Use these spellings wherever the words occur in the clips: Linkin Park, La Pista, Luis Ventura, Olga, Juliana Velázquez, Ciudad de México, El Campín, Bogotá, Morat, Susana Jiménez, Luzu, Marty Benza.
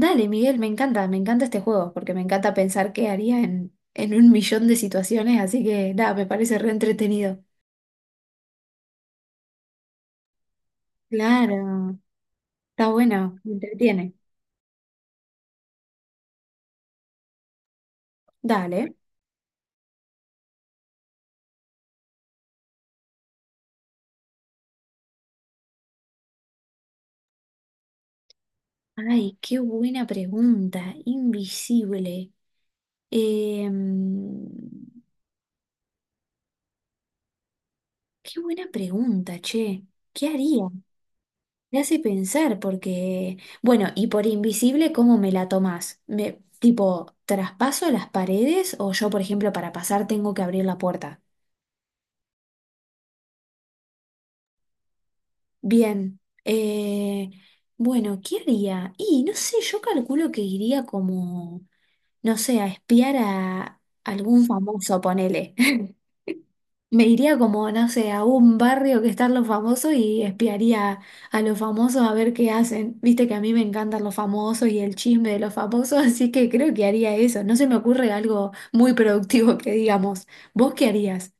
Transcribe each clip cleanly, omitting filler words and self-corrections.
Dale, Miguel, me encanta este juego, porque me encanta pensar qué haría en un millón de situaciones, así que nada, me parece re entretenido. Claro, está bueno, me entretiene. Dale. Ay, qué buena pregunta, invisible. Em, Qué buena pregunta, che. ¿Qué haría? Me hace pensar, porque, bueno, y por invisible, ¿cómo me la tomás? Me, tipo, ¿traspaso las paredes o yo, por ejemplo, para pasar tengo que abrir la puerta? Bien, eh, bueno, ¿qué haría? Y no sé, yo calculo que iría como, no sé, a espiar a algún famoso, ponele. Me iría como, no sé, a un barrio que están los famosos y espiaría a los famosos a ver qué hacen. Viste que a mí me encantan los famosos y el chisme de los famosos, así que creo que haría eso. No se me ocurre algo muy productivo que digamos. ¿Vos qué harías?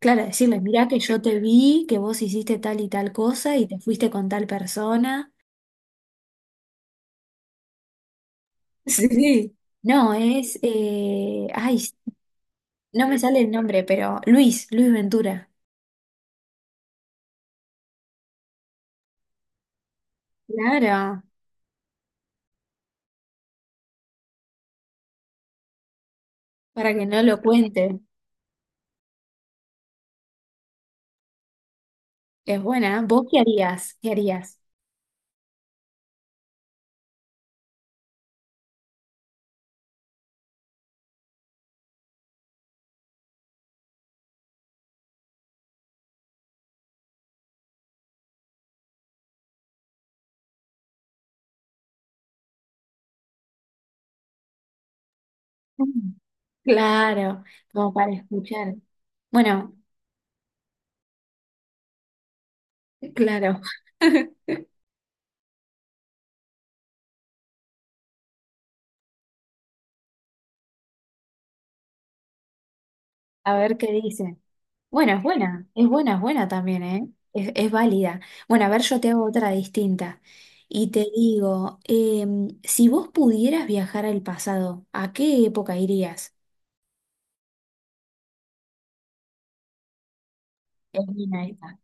Claro, decirle, mirá que yo te vi, que vos hiciste tal y tal cosa y te fuiste con tal persona. Sí. No, es, ay, no me sale el nombre, pero Luis Ventura. Claro, para que no lo cuente. Es buena, ¿eh? ¿Vos qué harías? ¿Qué harías? Mm, claro, como para escuchar. Bueno, claro, a ver qué dice. Bueno, es buena, es buena, es buena también, ¿eh? Es válida. Bueno, a ver, yo te hago otra distinta. Y te digo, si vos pudieras viajar al pasado, ¿a qué época irías? Es buena esta.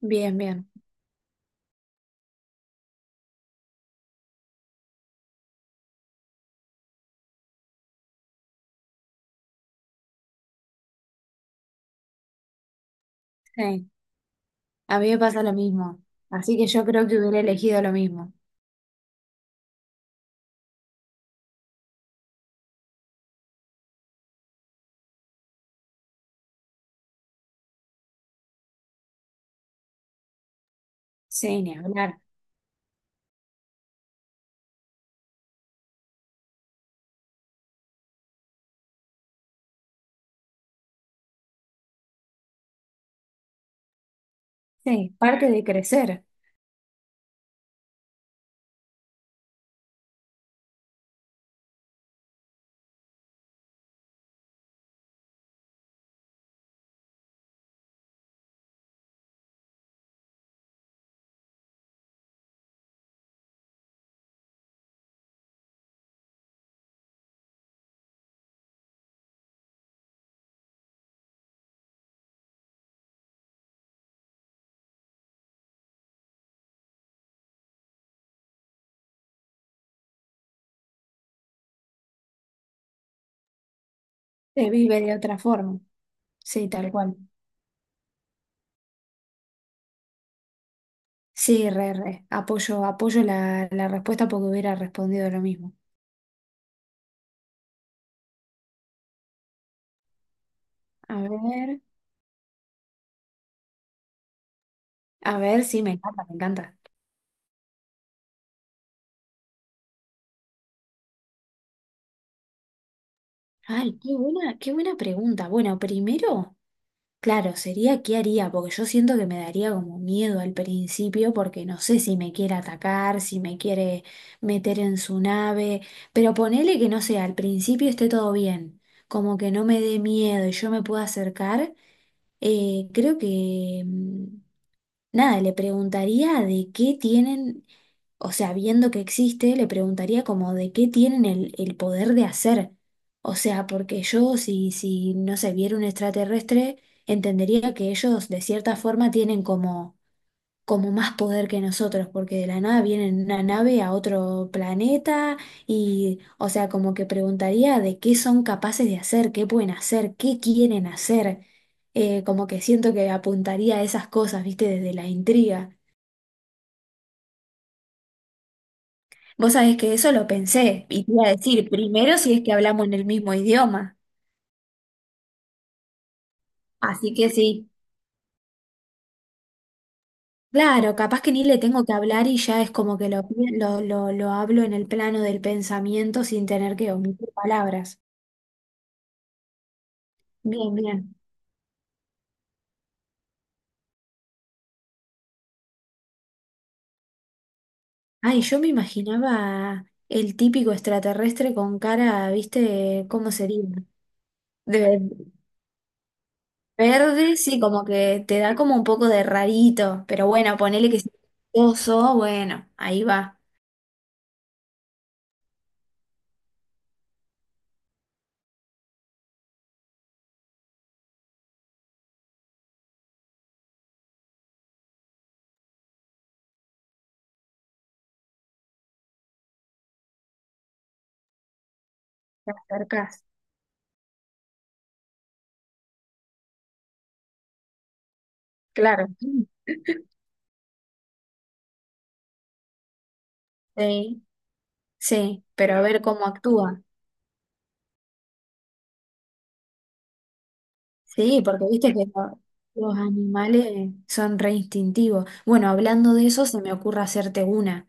Bien, bien. Sí, a mí me pasa lo mismo. Así que yo creo que hubiera elegido lo mismo. Sí, ni hablar. Sí, parte de crecer, se vive de otra forma. Sí, tal cual. Sí, re, re. Apoyo, apoyo la respuesta porque hubiera respondido lo mismo. A ver. A ver, sí, me encanta, me encanta. Ay, qué buena pregunta. Bueno, primero, claro, sería qué haría, porque yo siento que me daría como miedo al principio, porque no sé si me quiere atacar, si me quiere meter en su nave, pero ponele que no sé, al principio esté todo bien, como que no me dé miedo y yo me pueda acercar, creo que, mm, nada, le preguntaría de qué tienen. O sea, viendo que existe, le preguntaría como de qué tienen el poder de hacer. O sea, porque yo si no se viera un extraterrestre, entendería que ellos de cierta forma tienen como, como más poder que nosotros, porque de la nada vienen en una nave a otro planeta y, o sea, como que preguntaría de qué son capaces de hacer, qué pueden hacer, qué quieren hacer. Como que siento que apuntaría a esas cosas, viste, desde la intriga. Vos sabés que eso lo pensé y te iba a decir primero si es que hablamos en el mismo idioma. Así que sí, claro, capaz que ni le tengo que hablar y ya es como que lo, pi- lo hablo en el plano del pensamiento sin tener que omitir palabras. Bien, bien. Ay, yo me imaginaba el típico extraterrestre con cara, ¿viste? ¿Cómo sería? De verde, sí, como que te da como un poco de rarito, pero bueno, ponele que es oso, bueno, ahí va, te acercás. Claro. Sí, sí, pero a ver cómo actúa. Sí, porque viste que los animales son re instintivos. Bueno, hablando de eso, se me ocurre hacerte una.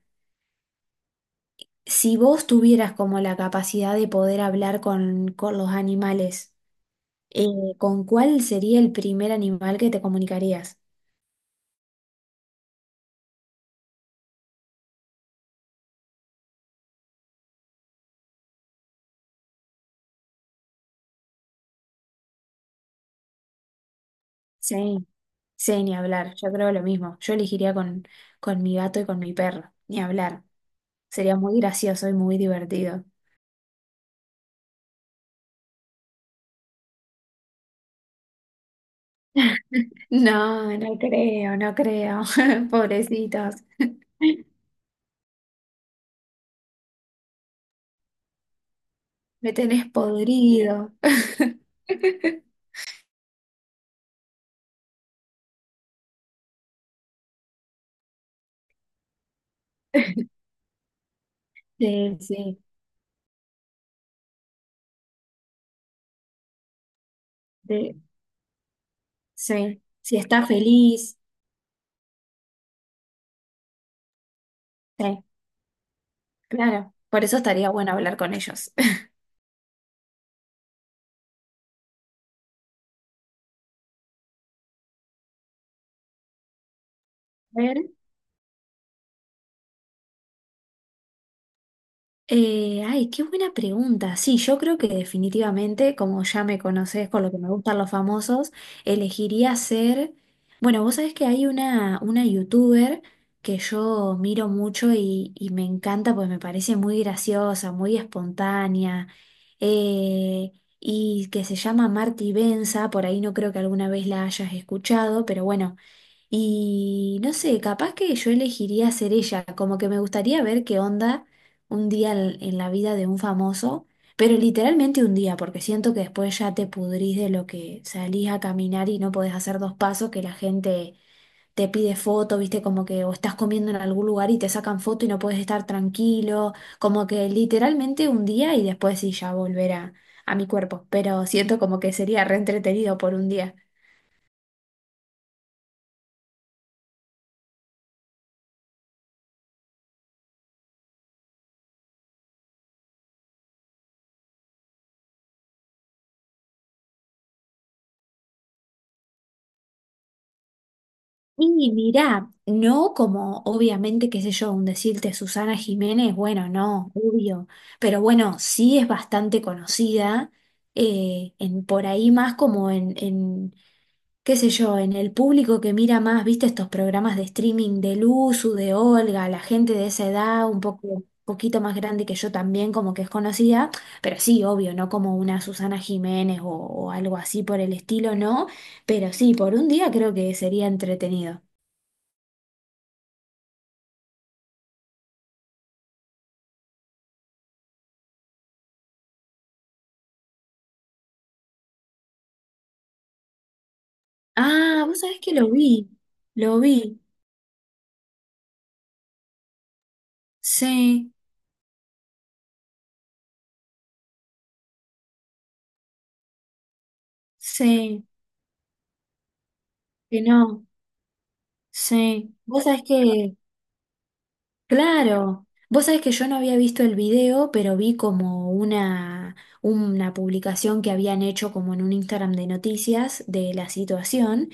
Si vos tuvieras como la capacidad de poder hablar con los animales, eh, ¿con cuál sería el primer animal que te comunicarías? Sí, sí, ni hablar. Yo creo lo mismo. Yo elegiría con mi gato y con mi perro. Ni hablar. Sería muy gracioso y muy divertido. No, no creo, no creo. Pobrecitos. Me tenés podrido. Sí, sí, de- sí. Si está feliz, sí, claro. Por eso estaría bueno hablar con ellos. A ver. Ay, qué buena pregunta. Sí, yo creo que definitivamente, como ya me conoces con lo que me gustan los famosos, elegiría ser... Bueno, vos sabés que hay una youtuber que yo miro mucho y me encanta, pues me parece muy graciosa, muy espontánea, eh, y que se llama Marty Benza, por ahí no creo que alguna vez la hayas escuchado, pero bueno. Y no sé, capaz que yo elegiría ser ella, como que me gustaría ver qué onda un día en la vida de un famoso, pero literalmente un día, porque siento que después ya te pudrís de lo que salís a caminar y no podés hacer dos pasos, que la gente te pide foto, viste, como que o estás comiendo en algún lugar y te sacan foto y no puedes estar tranquilo, como que literalmente un día y después sí ya volver a mi cuerpo, pero siento como que sería re entretenido por un día. Y mirá, no como obviamente, qué sé yo, un decirte Susana Jiménez, bueno, no, obvio, pero bueno, sí es bastante conocida, en, por ahí más como en, qué sé yo, en el público que mira más, viste, estos programas de streaming de Luzu, de Olga, la gente de esa edad, un poco, poquito más grande que yo también, como que es conocida, pero sí, obvio, no como una Susana Jiménez o algo así por el estilo, no, pero sí, por un día creo que sería entretenido. Ah, vos sabés que lo vi, lo vi. Sí, sí, que no, sí. Vos sabés que, claro, vos sabés que yo no había visto el video, pero vi como una publicación que habían hecho como en un Instagram de noticias de la situación.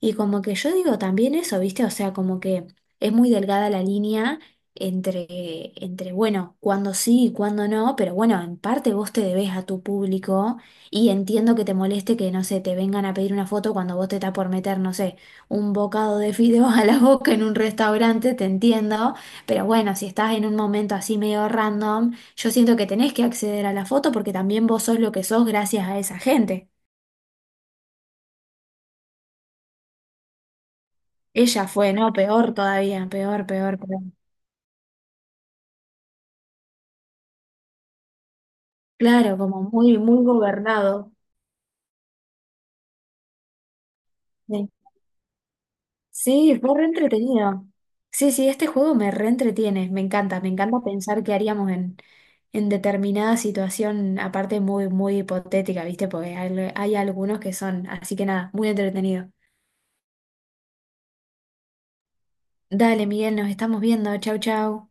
Y como que yo digo también eso, ¿viste? O sea, como que es muy delgada la línea entre, entre bueno, cuándo sí y cuándo no, pero bueno, en parte vos te debes a tu público y entiendo que te moleste que, no sé, te vengan a pedir una foto cuando vos te estás por meter, no sé, un bocado de fideos a la boca en un restaurante, te entiendo, pero bueno, si estás en un momento así medio random, yo siento que tenés que acceder a la foto porque también vos sos lo que sos gracias a esa gente. Ella fue, ¿no? Peor todavía, peor, peor, peor. Claro, como muy, muy gobernado. Sí, sí, fue re entretenido. Sí, sí, este juego me reentretiene, me encanta pensar qué haríamos en determinada situación, aparte muy, muy hipotética, ¿viste? Porque hay algunos que son, así que nada, muy entretenido. Dale, Miguel, nos estamos viendo, chau, chau.